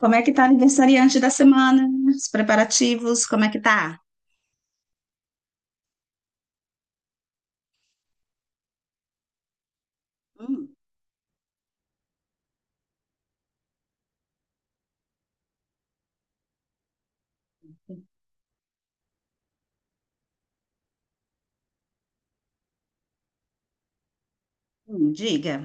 Como é que tá a aniversariante da semana? Os preparativos, como é que tá? Hum, diga.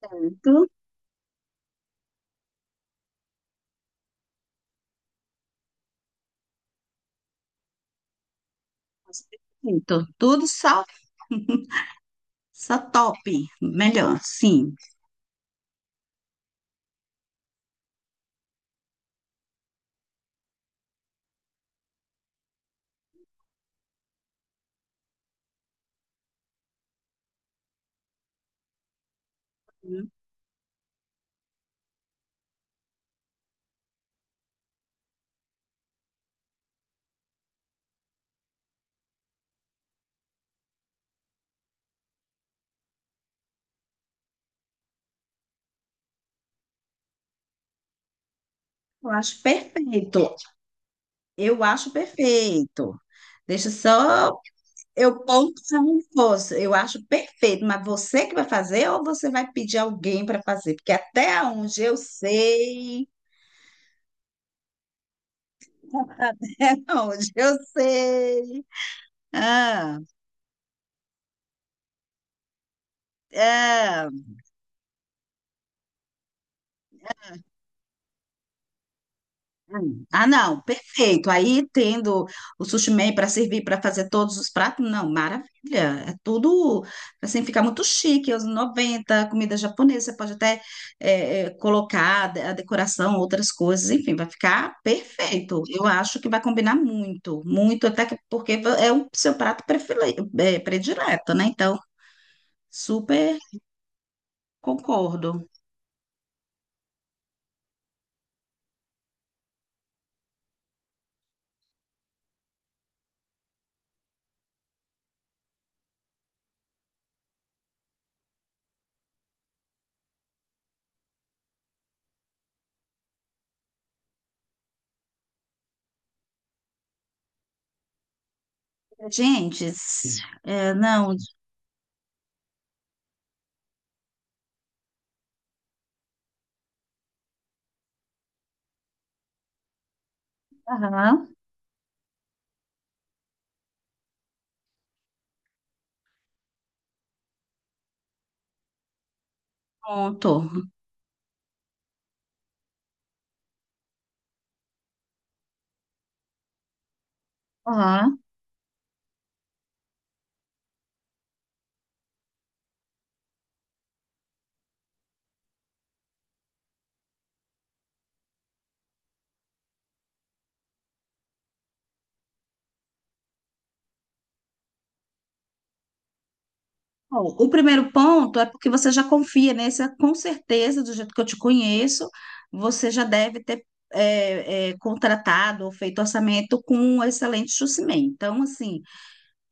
Certo. Perfeito. Tudo só top. Melhor, sim. Hum, Eu acho perfeito. Eu acho perfeito. Deixa só eu pontuar um fosse. Eu acho perfeito, mas você que vai fazer ou você vai pedir alguém para fazer? Porque até onde eu sei, até onde eu sei. Ah, ah. Hum. Ah, não, perfeito. Aí tendo o sushi man para servir para fazer todos os pratos, não, maravilha. É tudo assim, fica muito chique. Os 90 comida japonesa, você pode até colocar a decoração, outras coisas, enfim, vai ficar perfeito. Eu acho que vai combinar muito, muito, porque é o seu prato predileto, né? Então, super concordo. Gente, não, aham, pronto. Aham. Bom, o primeiro ponto é porque você já confia, né? Você, com certeza, do jeito que eu te conheço, você já deve ter contratado ou feito orçamento com um excelente Jucimei. Então, assim,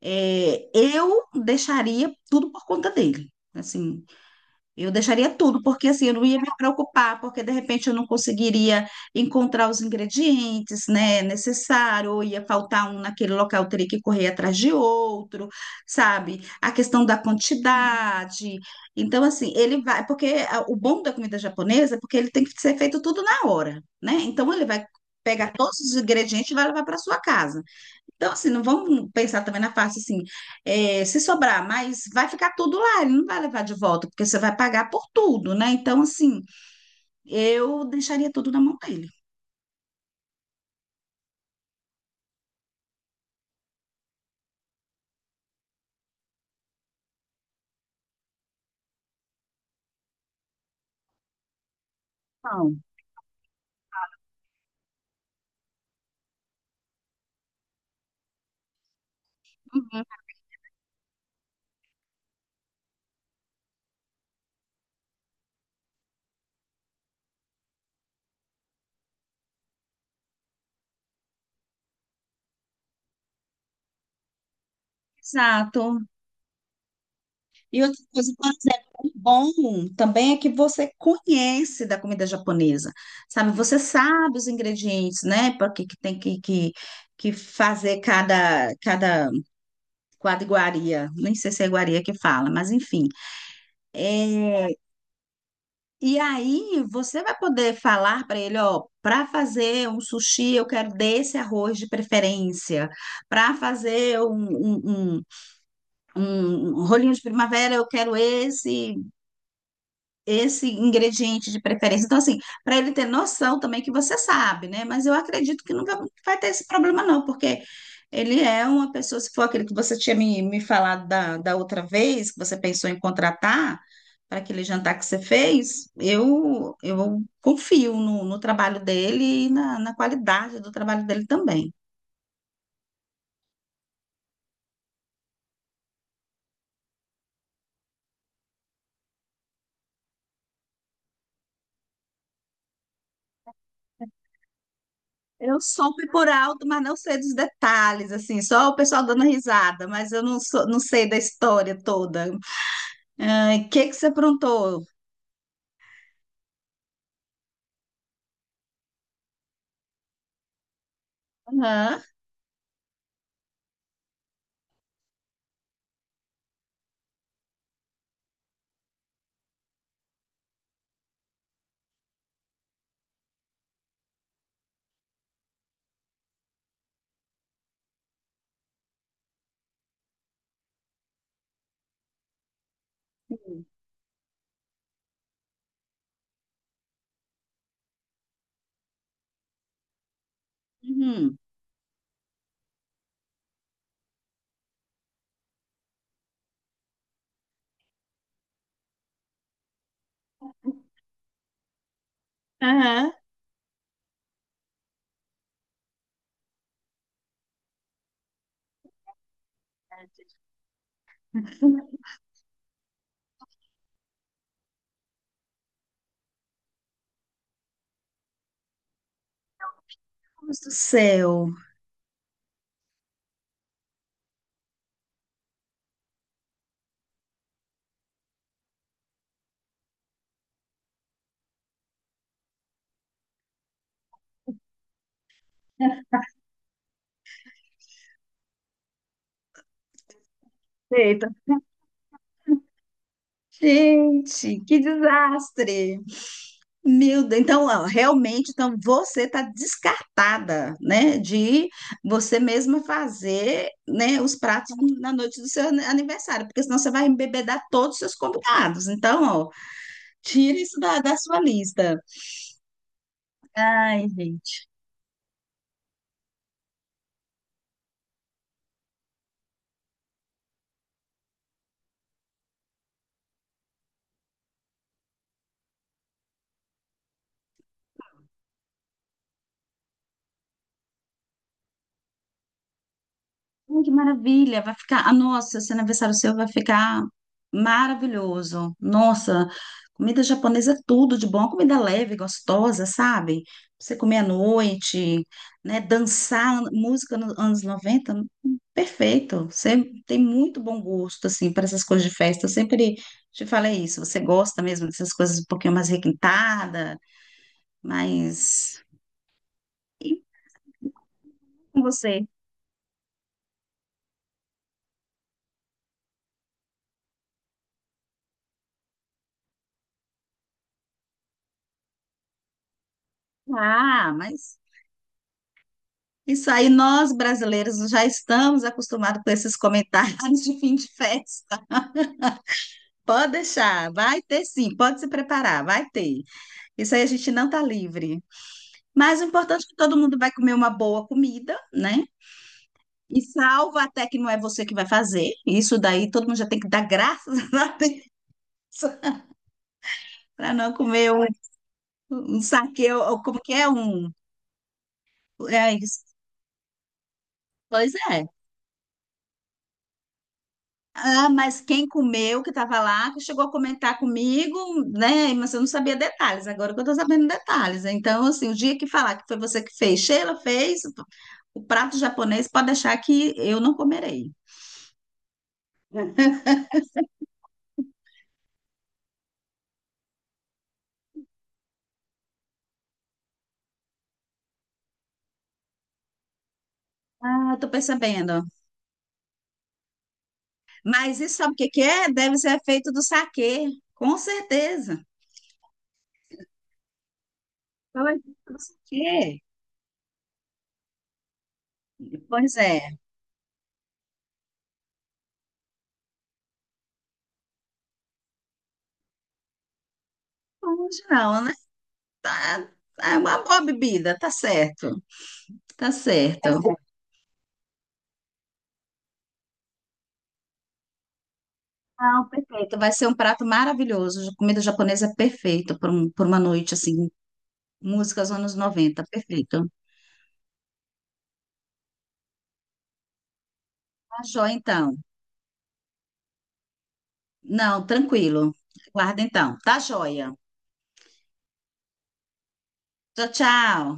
eu deixaria tudo por conta dele. Assim, eu deixaria tudo, porque assim, eu não ia me preocupar, porque de repente eu não conseguiria encontrar os ingredientes, né, necessário, ou ia faltar um naquele local, eu teria que correr atrás de outro, sabe? A questão da quantidade. Então, assim, ele vai, porque o bom da comida japonesa é porque ele tem que ser feito tudo na hora, né? Então, ele vai pegar todos os ingredientes e vai levar para sua casa. Então, assim, não vamos pensar também na parte assim, se sobrar, mas vai ficar tudo lá, ele não vai levar de volta, porque você vai pagar por tudo, né? Então, assim, eu deixaria tudo na mão dele. Não. Exato. E outra coisa, por exemplo, o bom um também é que você conhece da comida japonesa, sabe? Você sabe os ingredientes, né? Porque que tem que, que fazer cada, quadriguaria. Nem sei se é iguaria que fala, mas enfim. E aí você vai poder falar para ele, ó, para fazer um sushi eu quero desse arroz de preferência, para fazer um, um, um, um rolinho de primavera eu quero esse, ingrediente de preferência. Então, assim, para ele ter noção também que você sabe, né? Mas eu acredito que nunca vai ter esse problema, não, porque ele é uma pessoa, se for aquele que você tinha me, falado da outra vez, que você pensou em contratar para aquele jantar que você fez, eu, confio no trabalho dele e na qualidade do trabalho dele também. Eu soube por alto, mas não sei dos detalhes, assim, só o pessoal dando risada, mas eu não sou, não sei da história toda. Ai, o que que você aprontou? Aham, uhum, aham. Deus do céu. Eita. Gente, que desastre. Meu Deus, então, ó, realmente, então você está descartada, né, de você mesma fazer, né, os pratos na noite do seu aniversário, porque senão você vai embebedar todos os seus convidados. Então, ó, tira isso da sua lista. Ai, gente. Ai, que maravilha! Vai ficar. Ah, nossa, esse aniversário seu vai ficar maravilhoso. Nossa, comida japonesa é tudo de bom, comida leve, gostosa, sabe? Pra você comer à noite, né? Dançar música nos anos 90, perfeito. Você tem muito bom gosto, assim, para essas coisas de festa. Eu sempre te falei isso. Você gosta mesmo dessas coisas um pouquinho mais requintada, mas com você. Ah, mas isso aí, nós brasileiros já estamos acostumados com esses comentários de fim de festa. Pode deixar, vai ter sim, pode se preparar, vai ter. Isso aí a gente não tá livre. Mas o importante é que todo mundo vai comer uma boa comida, né? E salvo até que não é você que vai fazer. Isso daí todo mundo já tem que dar graças a Deus para não comer um, saque, ou como que é um. É isso. Pois é. Ah, mas quem comeu, que estava lá, que chegou a comentar comigo, né? Mas eu não sabia detalhes, agora que eu estou sabendo detalhes. Então, assim, o dia que falar que foi você que fez, Sheila fez, o prato japonês, pode deixar que eu não comerei. Ah, tô percebendo. Mas isso sabe o que que é? Deve ser feito do saquê, com certeza. Então, é feito do saquê. Pois é. Hoje não, né? Tá, é uma boa bebida, tá certo. Tá certo. Não, perfeito. Vai ser um prato maravilhoso. Comida japonesa é perfeita por, por uma noite, assim. Músicas anos 90, perfeito. Tá joia, então. Não, tranquilo. Guarda, então. Tá joia. Tchau, tchau.